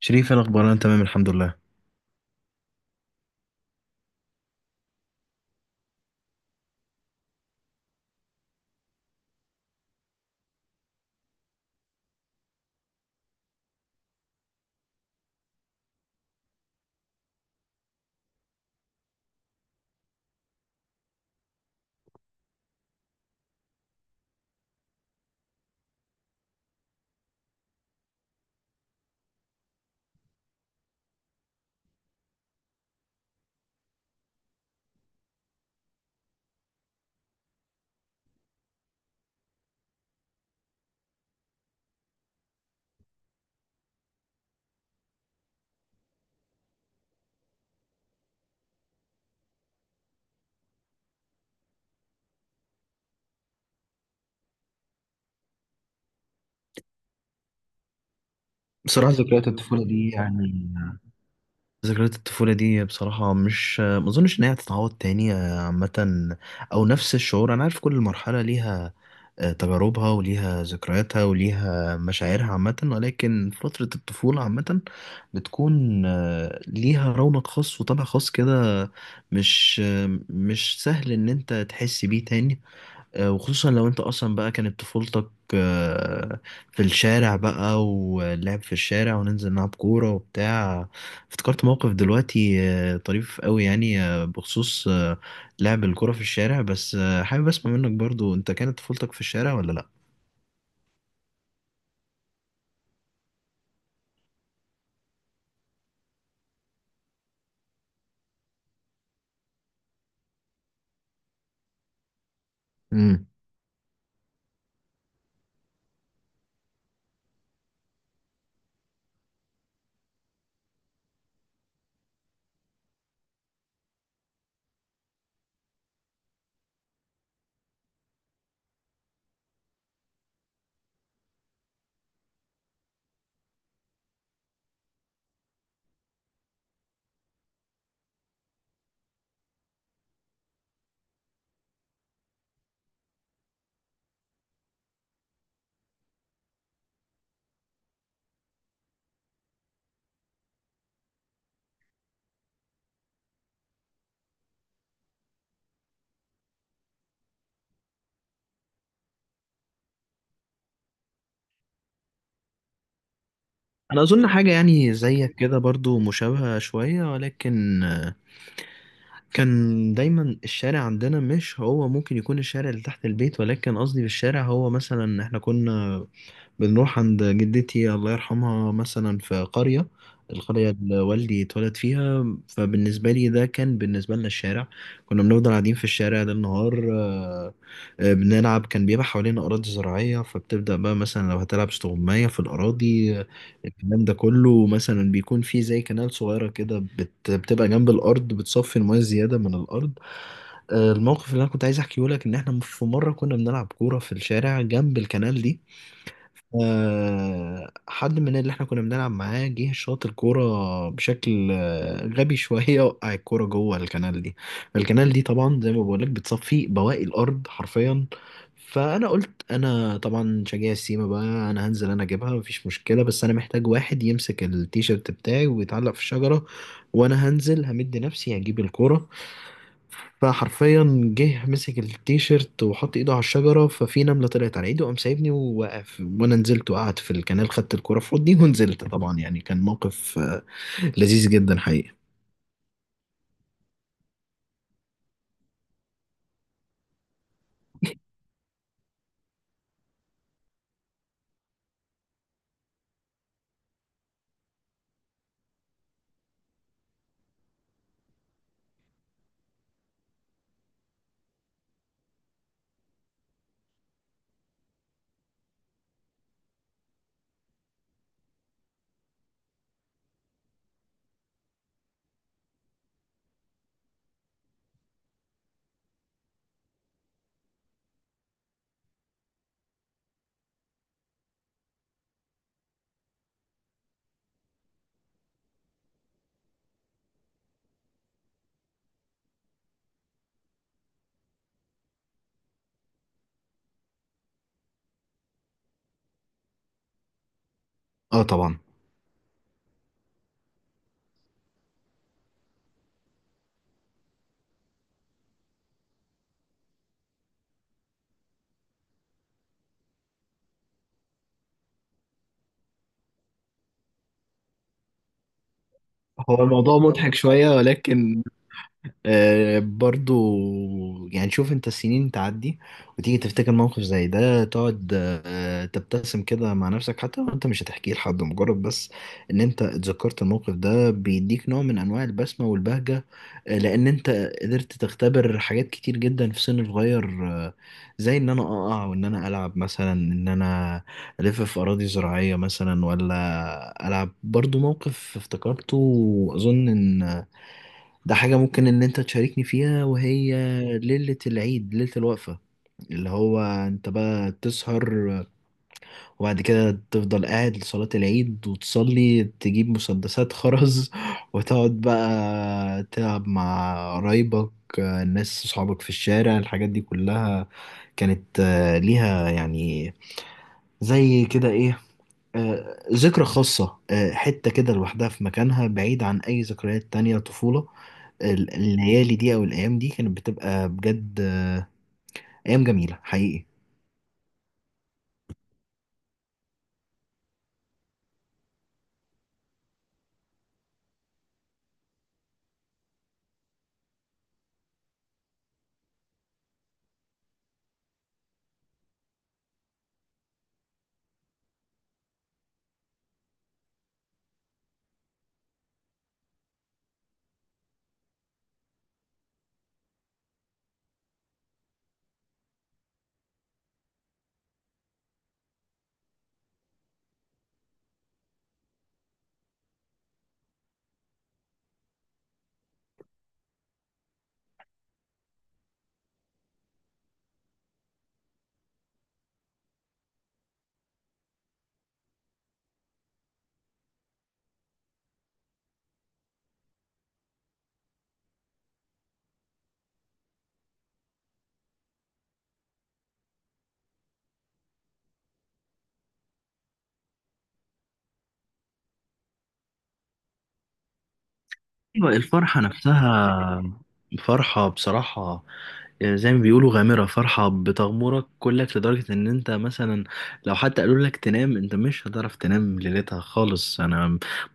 شريف انا اخبار انا تمام الحمد لله. بصراحه ذكريات الطفوله دي يعني ذكريات الطفوله دي بصراحه مش ما اظنش ان هي هتتعوض تاني، عامه او نفس الشعور. انا عارف كل مرحله ليها تجاربها وليها ذكرياتها وليها مشاعرها عامه، ولكن فتره الطفوله عامه بتكون ليها رونق خاص وطبع خاص كده. مش مش سهل ان انت تحس بيه تاني، وخصوصا لو انت اصلا بقى كانت طفولتك آه، في الشارع بقى، واللعب في الشارع وننزل نلعب كورة وبتاع. افتكرت موقف دلوقتي طريف قوي، يعني بخصوص لعب الكورة في الشارع، بس حابب اسمع منك برضو، انت كانت طفولتك في الشارع ولا لا؟ امم. انا اظن حاجة يعني زيك كده برضو مشابهة شوية، ولكن كان دايما الشارع عندنا مش هو ممكن يكون الشارع اللي تحت البيت، ولكن قصدي بالشارع هو مثلا احنا كنا بنروح عند جدتي الله يرحمها، مثلا في قرية. القرية اللي والدي اتولد فيها، فبالنسبة لي ده كان بالنسبة لنا الشارع. كنا بنفضل قاعدين في الشارع ده النهار بنلعب. كان بيبقى حوالينا أراضي زراعية، فبتبدأ بقى مثلا لو هتلعب استغماية في الأراضي الكلام ده كله، مثلا بيكون فيه زي كنال صغيرة كده بتبقى جنب الأرض بتصفي المياه الزيادة من الأرض. الموقف اللي أنا كنت عايز أحكيه لك إن إحنا في مرة كنا بنلعب كورة في الشارع جنب الكنال دي. حد من اللي احنا كنا بنلعب معاه جه شاط الكورة بشكل غبي شوية، وقع الكورة جوه الكنال دي. الكنال دي طبعا زي ما بقولك بتصفي بواقي الأرض حرفيا. فأنا قلت أنا طبعا شجاع السيما بقى، أنا هنزل أنا أجيبها، مفيش مشكلة، بس أنا محتاج واحد يمسك التيشيرت بتاعي ويتعلق في الشجرة، وأنا هنزل همد نفسي هجيب الكورة. فحرفيا جه مسك التيشيرت وحط ايده على الشجرة، ففي نملة طلعت على ايده قام سايبني ووقف، وانا نزلت وقعدت في الكنال، خدت الكرة في حضني ونزلت. طبعا يعني كان موقف لذيذ جدا حقيقي. اه طبعا. هو الموضوع مضحك شوية، ولكن برضو يعني شوف، انت السنين تعدي وتيجي تفتكر موقف زي ده، تقعد تبتسم كده مع نفسك، حتى لو انت مش هتحكيه لحد، مجرد بس ان انت اتذكرت الموقف ده بيديك نوع من انواع البسمة والبهجة. لان انت قدرت تختبر حاجات كتير جدا في سن صغير، زي ان انا اقع، وان انا العب مثلا، ان انا الف في اراضي زراعية مثلا، ولا العب. برضو موقف افتكرته، واظن ان ده حاجة ممكن إن أنت تشاركني فيها، وهي ليلة العيد، ليلة الوقفة. اللي هو أنت بقى تسهر وبعد كده تفضل قاعد لصلاة العيد وتصلي، تجيب مسدسات خرز وتقعد بقى تلعب مع قرايبك الناس صحابك في الشارع. الحاجات دي كلها كانت ليها يعني زي كده إيه، ذكرى خاصة، حتة كده لوحدها في مكانها بعيد عن أي ذكريات تانية طفولة. الليالي دي او الايام دي كانت بتبقى بجد ايام جميله حقيقي. أيوة، الفرحة نفسها، فرحة بصراحة. يعني زي ما بيقولوا غامرة، فرحة بتغمرك كلك لدرجة ان انت مثلا لو حتى قالوا لك تنام انت مش هتعرف تنام ليلتها خالص. انا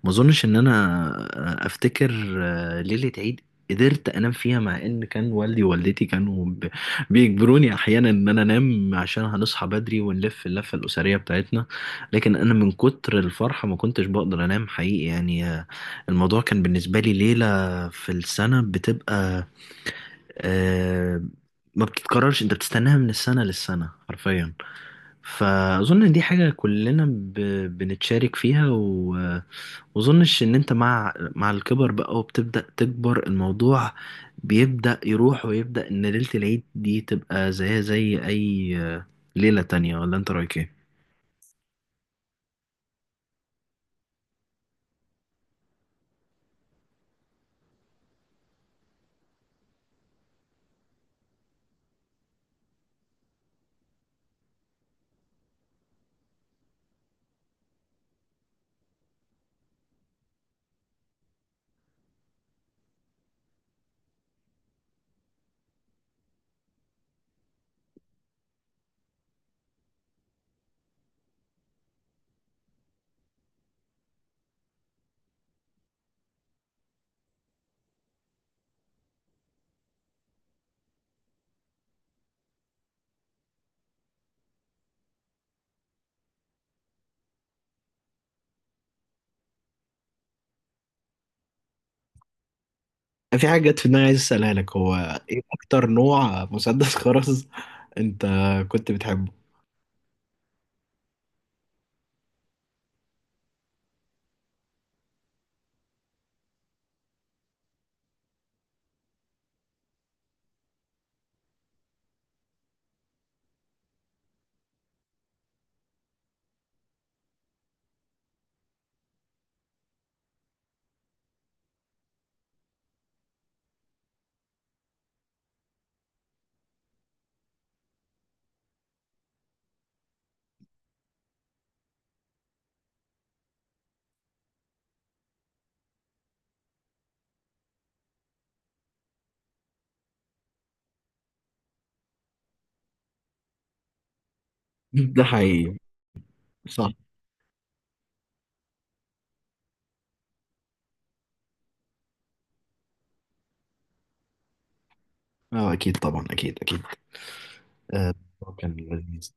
ما اظنش ان انا افتكر ليلة عيد قدرت انام فيها، مع ان كان والدي ووالدتي كانوا بيجبروني احيانا ان انا انام عشان هنصحى بدري ونلف اللفة الاسرية بتاعتنا. لكن انا من كتر الفرحة ما كنتش بقدر انام حقيقي، يعني الموضوع كان بالنسبة لي ليلة في السنة بتبقى آه ما بتتكررش، انت بتستناها من السنة للسنة حرفيا. فأظن إن دي حاجة كلنا بنتشارك فيها، وأظنش إن أنت مع الكبر بقى وبتبدأ تكبر، الموضوع بيبدأ يروح، ويبدأ إن ليلة العيد دي تبقى زيها زي أي ليلة تانية. ولا أنت رأيك إيه؟ في حاجة جت في دماغي عايز أسألها لك. هو إيه أكتر نوع مسدس خرز أنت كنت بتحبه؟ ده حقيقي، صح. اه اكيد طبعا، اكيد اكيد. آه، كان لذيذ.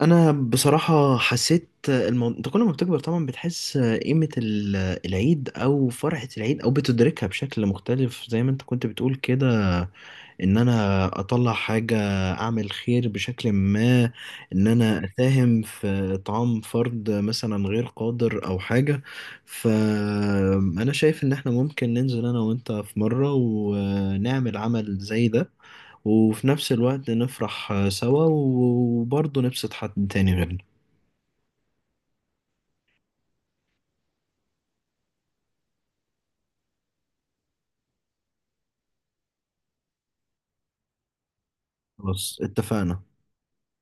انا بصراحه حسيت انت كل ما بتكبر طبعا بتحس قيمه العيد او فرحه العيد، او بتدركها بشكل مختلف زي ما انت كنت بتقول كده. ان انا اطلع حاجة، اعمل خير بشكل ما، ان انا اساهم في اطعام فرد مثلا غير قادر او حاجة. فانا شايف ان احنا ممكن ننزل انا وانت في مرة ونعمل عمل زي ده، وفي نفس الوقت نفرح سوا وبرضه نبسط حد تاني غيرنا. خلاص اتفقنا.